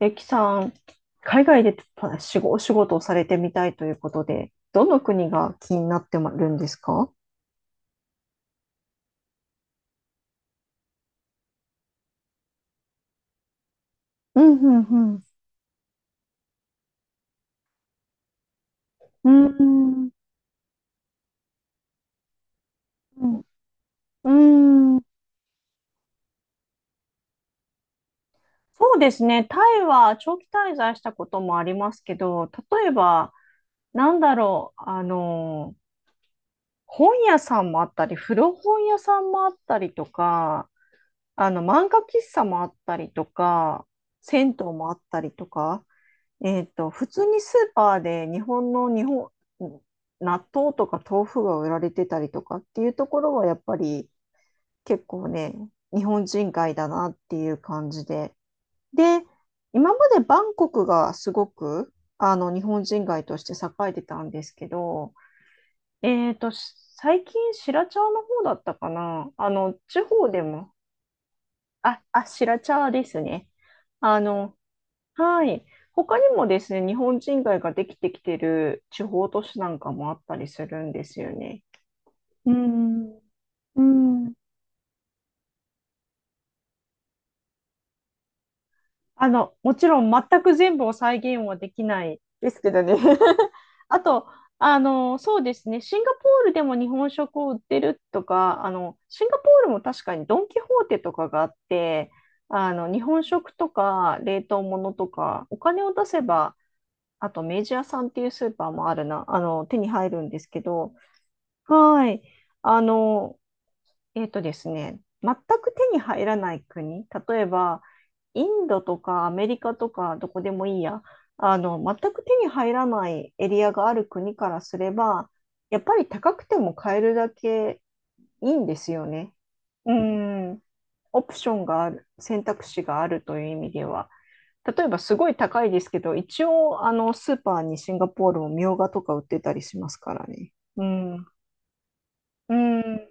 えきさん、海外でお仕事をされてみたいということで、どの国が気になってるんですか？うんうんうん。うん。うんうんうんそうですね。タイは長期滞在したこともありますけど、例えば、なんだろう、あの、本屋さんもあったり、古本屋さんもあったりとか、漫画喫茶もあったりとか、銭湯もあったりとか、普通にスーパーで日本の日本、納豆とか豆腐が売られてたりとかっていうところはやっぱり結構ね、日本人街だなっていう感じで。で、今までバンコクがすごく日本人街として栄えてたんですけど、最近白茶の方だったかな。地方でも、あ、あ、白茶ですね。あの、はい。他にもですね、日本人街ができてきてる地方都市なんかもあったりするんですよね。うん、うん。もちろん全く全部を再現はできないですけどね。あと、シンガポールでも日本食を売ってるとか、シンガポールも確かにドン・キホーテとかがあって、日本食とか冷凍物とか、お金を出せばあと、メジャーさんっていうスーパーもあるな、手に入るんですけど、はい。あの、えっとですね、全く手に入らない国、例えば、インドとかアメリカとか、どこでもいいや、全く手に入らないエリアがある国からすれば、やっぱり高くても買えるだけいいんですよね。うん。オプションがある、選択肢があるという意味では。例えばすごい高いですけど、一応、スーパーにシンガポールもみょうがとか売ってたりしますからね。うん。うん。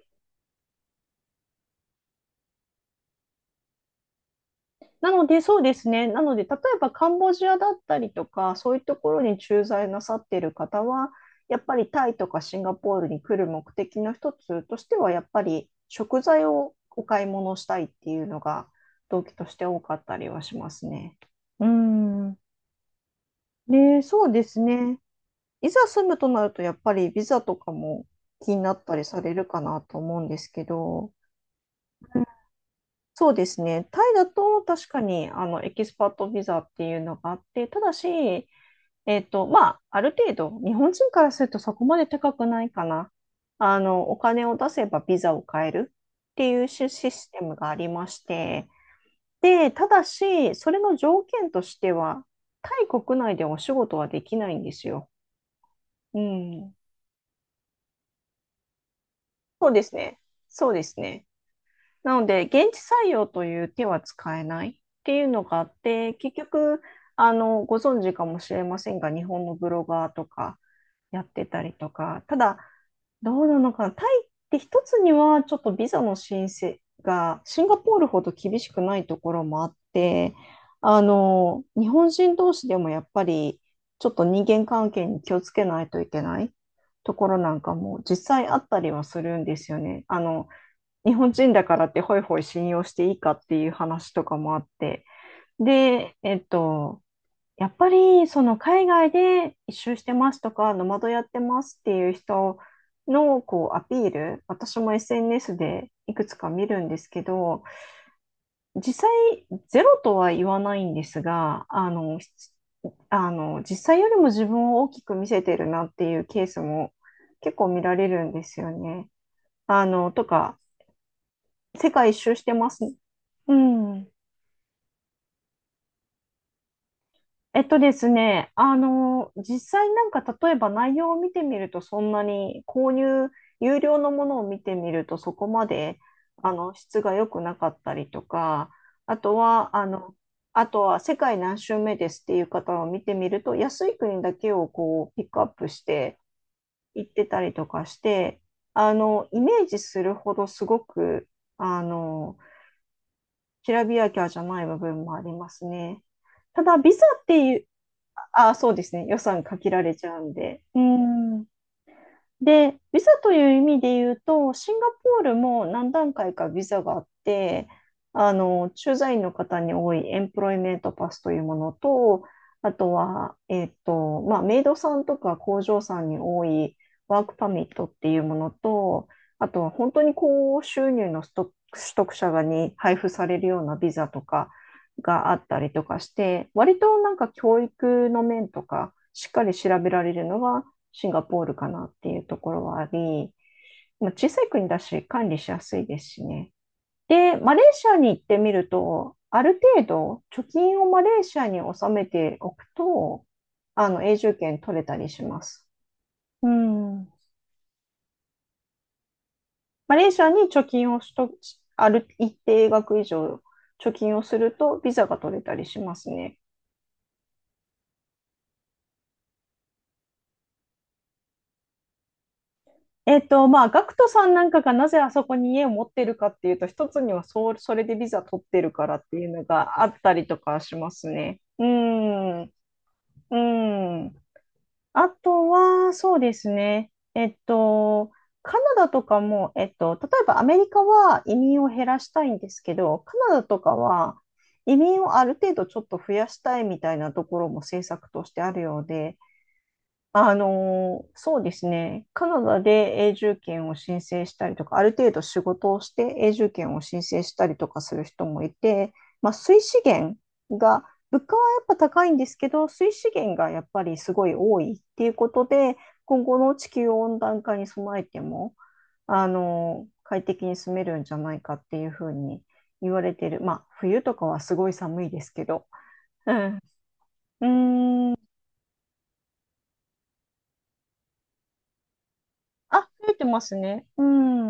なので、そうですね。なので、例えばカンボジアだったりとか、そういうところに駐在なさっている方は、やっぱりタイとかシンガポールに来る目的の一つとしては、やっぱり食材をお買い物したいっていうのが動機として多かったりはしますね。うん。で、そうですね。いざ住むとなると、やっぱりビザとかも気になったりされるかなと思うんですけど、そうですね、タイだと確かにエキスパートビザっていうのがあって、ただし、ある程度、日本人からするとそこまで高くないかな。お金を出せばビザを買えるっていうシステムがありまして、で、ただし、それの条件としては、タイ国内でお仕事はできないんですよ。うん。そうですね。そうですね。なので、現地採用という手は使えないっていうのがあって、結局、ご存知かもしれませんが、日本のブロガーとかやってたりとか、ただ、どうなのかな。タイって一つにはちょっとビザの申請がシンガポールほど厳しくないところもあって、日本人同士でもやっぱりちょっと人間関係に気をつけないといけないところなんかも実際あったりはするんですよね。日本人だからってホイホイ信用していいかっていう話とかもあって。で、やっぱり、その海外で一周してますとか、ノマドやってますっていう人のこうアピール、私も SNS でいくつか見るんですけど、実際ゼロとは言わないんですが、実際よりも自分を大きく見せてるなっていうケースも結構見られるんですよね。あの、とか、世界一周してます。うん。えっとですね、あの、実際なんか例えば内容を見てみるとそんなに購入、有料のものを見てみるとそこまで質が良くなかったりとか、あとは、あとは世界何周目ですっていう方を見てみると安い国だけをこうピックアップして行ってたりとかして、イメージするほどすごく、あの、きらびやきゃじゃない部分もありますね。ただ、ビザっていう、あ、そうですね。予算限られちゃうんで。うん。で、ビザという意味で言うと、シンガポールも何段階かビザがあって、駐在員の方に多いエンプロイメントパスというものと、あとは、メイドさんとか工場さんに多いワークパミットっていうものと、あとは本当に高収入の取得者がに配布されるようなビザとかがあったりとかして、割となんか教育の面とか、しっかり調べられるのはシンガポールかなっていうところはあり、まあ、小さい国だし管理しやすいですしね。で、マレーシアに行ってみると、ある程度貯金をマレーシアに納めておくと、あの永住権取れたりします。うん。マレーシアに貯金をしと、ある一定額以上貯金をするとビザが取れたりしますね。ガクトさんなんかがなぜあそこに家を持ってるかっていうと、一つにはそう、それでビザ取ってるからっていうのがあったりとかしますね。うん。うん。あとは、そうですね。カナダとかも、例えばアメリカは移民を減らしたいんですけど、カナダとかは移民をある程度ちょっと増やしたいみたいなところも政策としてあるようで、そうですね。カナダで永住権を申請したりとか、ある程度仕事をして永住権を申請したりとかする人もいて、まあ、水資源が、物価はやっぱ高いんですけど、水資源がやっぱりすごい多いっていうことで、今後の地球温暖化に備えても、快適に住めるんじゃないかっていうふうに言われてる。まあ、冬とかはすごい寒いですけど。うん。うーん。あ、増えてますね。う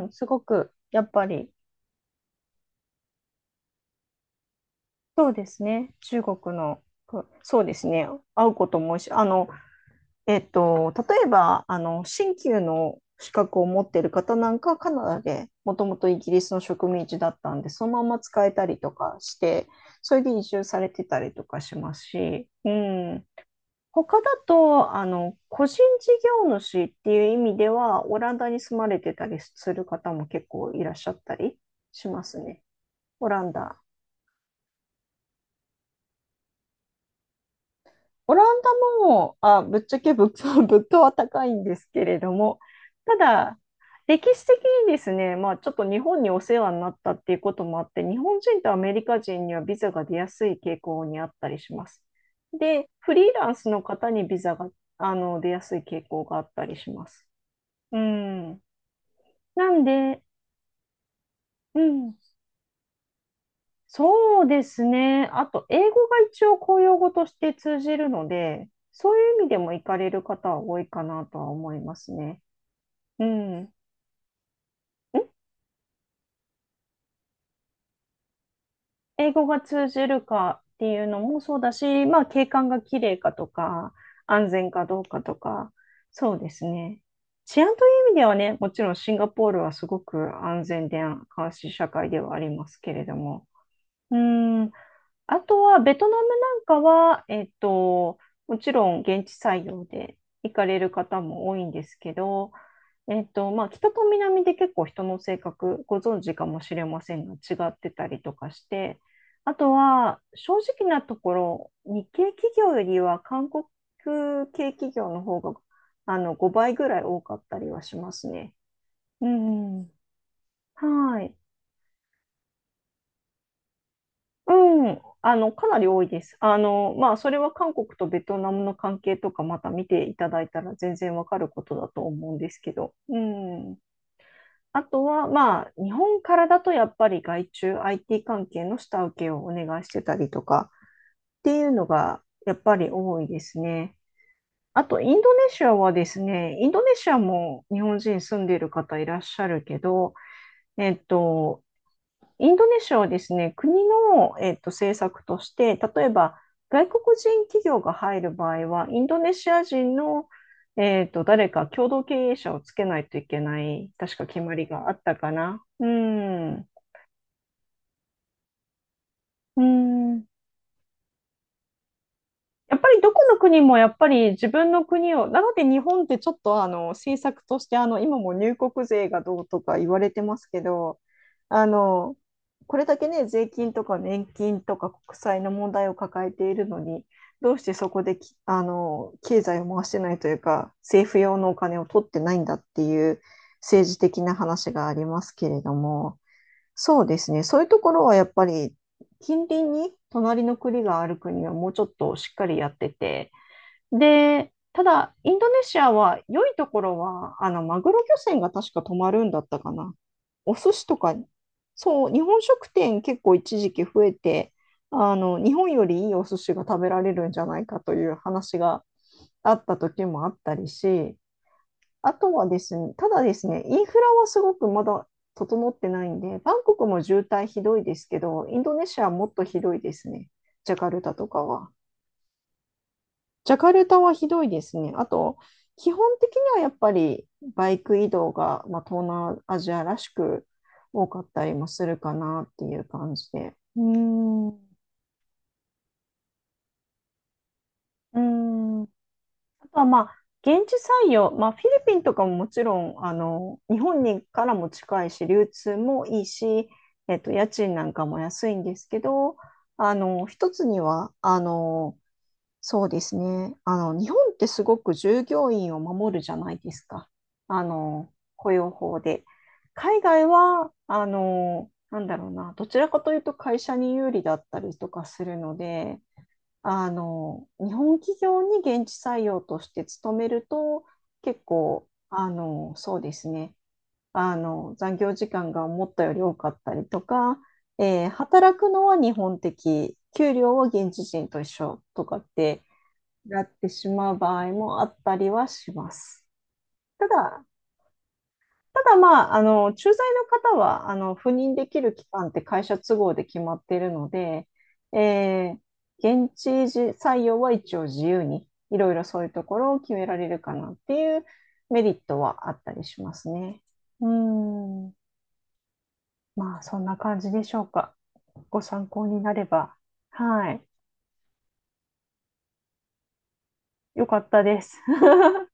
ん、すごく、やっぱり、そうですね。中国の、こそうですね。会うことも多いし、例えば、新旧の資格を持っている方なんかはカナダで、もともとイギリスの植民地だったんで、そのまま使えたりとかして、それで移住されてたりとかしますし、うん、他だと、個人事業主っていう意味では、オランダに住まれてたりする方も結構いらっしゃったりしますね。オランダ。オランダも、あ、ぶっちゃけ物価、物価は高いんですけれども、ただ、歴史的にですね、まあ、ちょっと日本にお世話になったっていうこともあって、日本人とアメリカ人にはビザが出やすい傾向にあったりします。で、フリーランスの方にビザが、出やすい傾向があったりします。うん。なんで、うん、そうですね。あと、英語が一応公用語として通じるので、そういう意味でも行かれる方は多いかなとは思いますね。うん。ん英語が通じるかっていうのもそうだし、まあ、景観が綺麗かとか、安全かどうかとか、そうですね。治安という意味ではね、もちろんシンガポールはすごく安全で監視社会ではありますけれども、うん、あとは、ベトナムなんかは、もちろん現地採用で行かれる方も多いんですけど、まあ、北と南で結構人の性格、ご存知かもしれませんが、違ってたりとかして、あとは、正直なところ、日系企業よりは韓国系企業の方が、あの、5倍ぐらい多かったりはしますね。うん。はい。うん、あの、かなり多いです。あの、まあ、それは韓国とベトナムの関係とかまた見ていただいたら全然わかることだと思うんですけど。うん。あとは、まあ、日本からだとやっぱり外注 IT 関係の下請けをお願いしてたりとかっていうのがやっぱり多いですね。あと、インドネシアはですね、インドネシアも日本人住んでいる方いらっしゃるけど、えっと、インドネシアはですね、国の、政策として、例えば外国人企業が入る場合は、インドネシア人の、誰か共同経営者をつけないといけない、確か決まりがあったかな。うん。うん。やっぱりどこの国もやっぱり自分の国を、なので日本ってちょっとあの政策としてあの今も入国税がどうとか言われてますけど、あの、これだけね、税金とか年金とか国債の問題を抱えているのに、どうしてそこでき、あの、経済を回してないというか、政府用のお金を取ってないんだっていう政治的な話がありますけれども、そうですね。そういうところはやっぱり近隣に隣の国がある国はもうちょっとしっかりやってて。で、ただインドネシアは良いところはあのマグロ漁船が確か泊まるんだったかな。お寿司とか、そう、日本食店結構一時期増えて、あの日本よりいいお寿司が食べられるんじゃないかという話があった時もあったりし、あとはですね、ただですね、インフラはすごくまだ整ってないんで、バンコクも渋滞ひどいですけど、インドネシアはもっとひどいですね、ジャカルタとかは。ジャカルタはひどいですね。あと、基本的にはやっぱりバイク移動が、まあ、東南アジアらしく多かったりもするかなっていう感じで。うーん。うーんあとはまあ、現地採用、まあ、フィリピンとかももちろん、あの、日本にからも近いし、流通もいいし、家賃なんかも安いんですけど、あの、一つには、あの、そうですね、あの、日本ってすごく従業員を守るじゃないですか。あの、雇用法で。海外は、あの、なんだろうな、どちらかというと会社に有利だったりとかするので、あの、日本企業に現地採用として勤めると、結構、あの、そうですね、あの、残業時間が思ったより多かったりとか、働くのは日本的、給料は現地人と一緒とかってなってしまう場合もあったりはします。ただ、まあ、あの、駐在の方は、あの、赴任できる期間って会社都合で決まっているので、え現地時採用は一応自由に、いろいろそういうところを決められるかなっていうメリットはあったりしますね。うん。まあ、そんな感じでしょうか。ご参考になれば。はい。よかったです。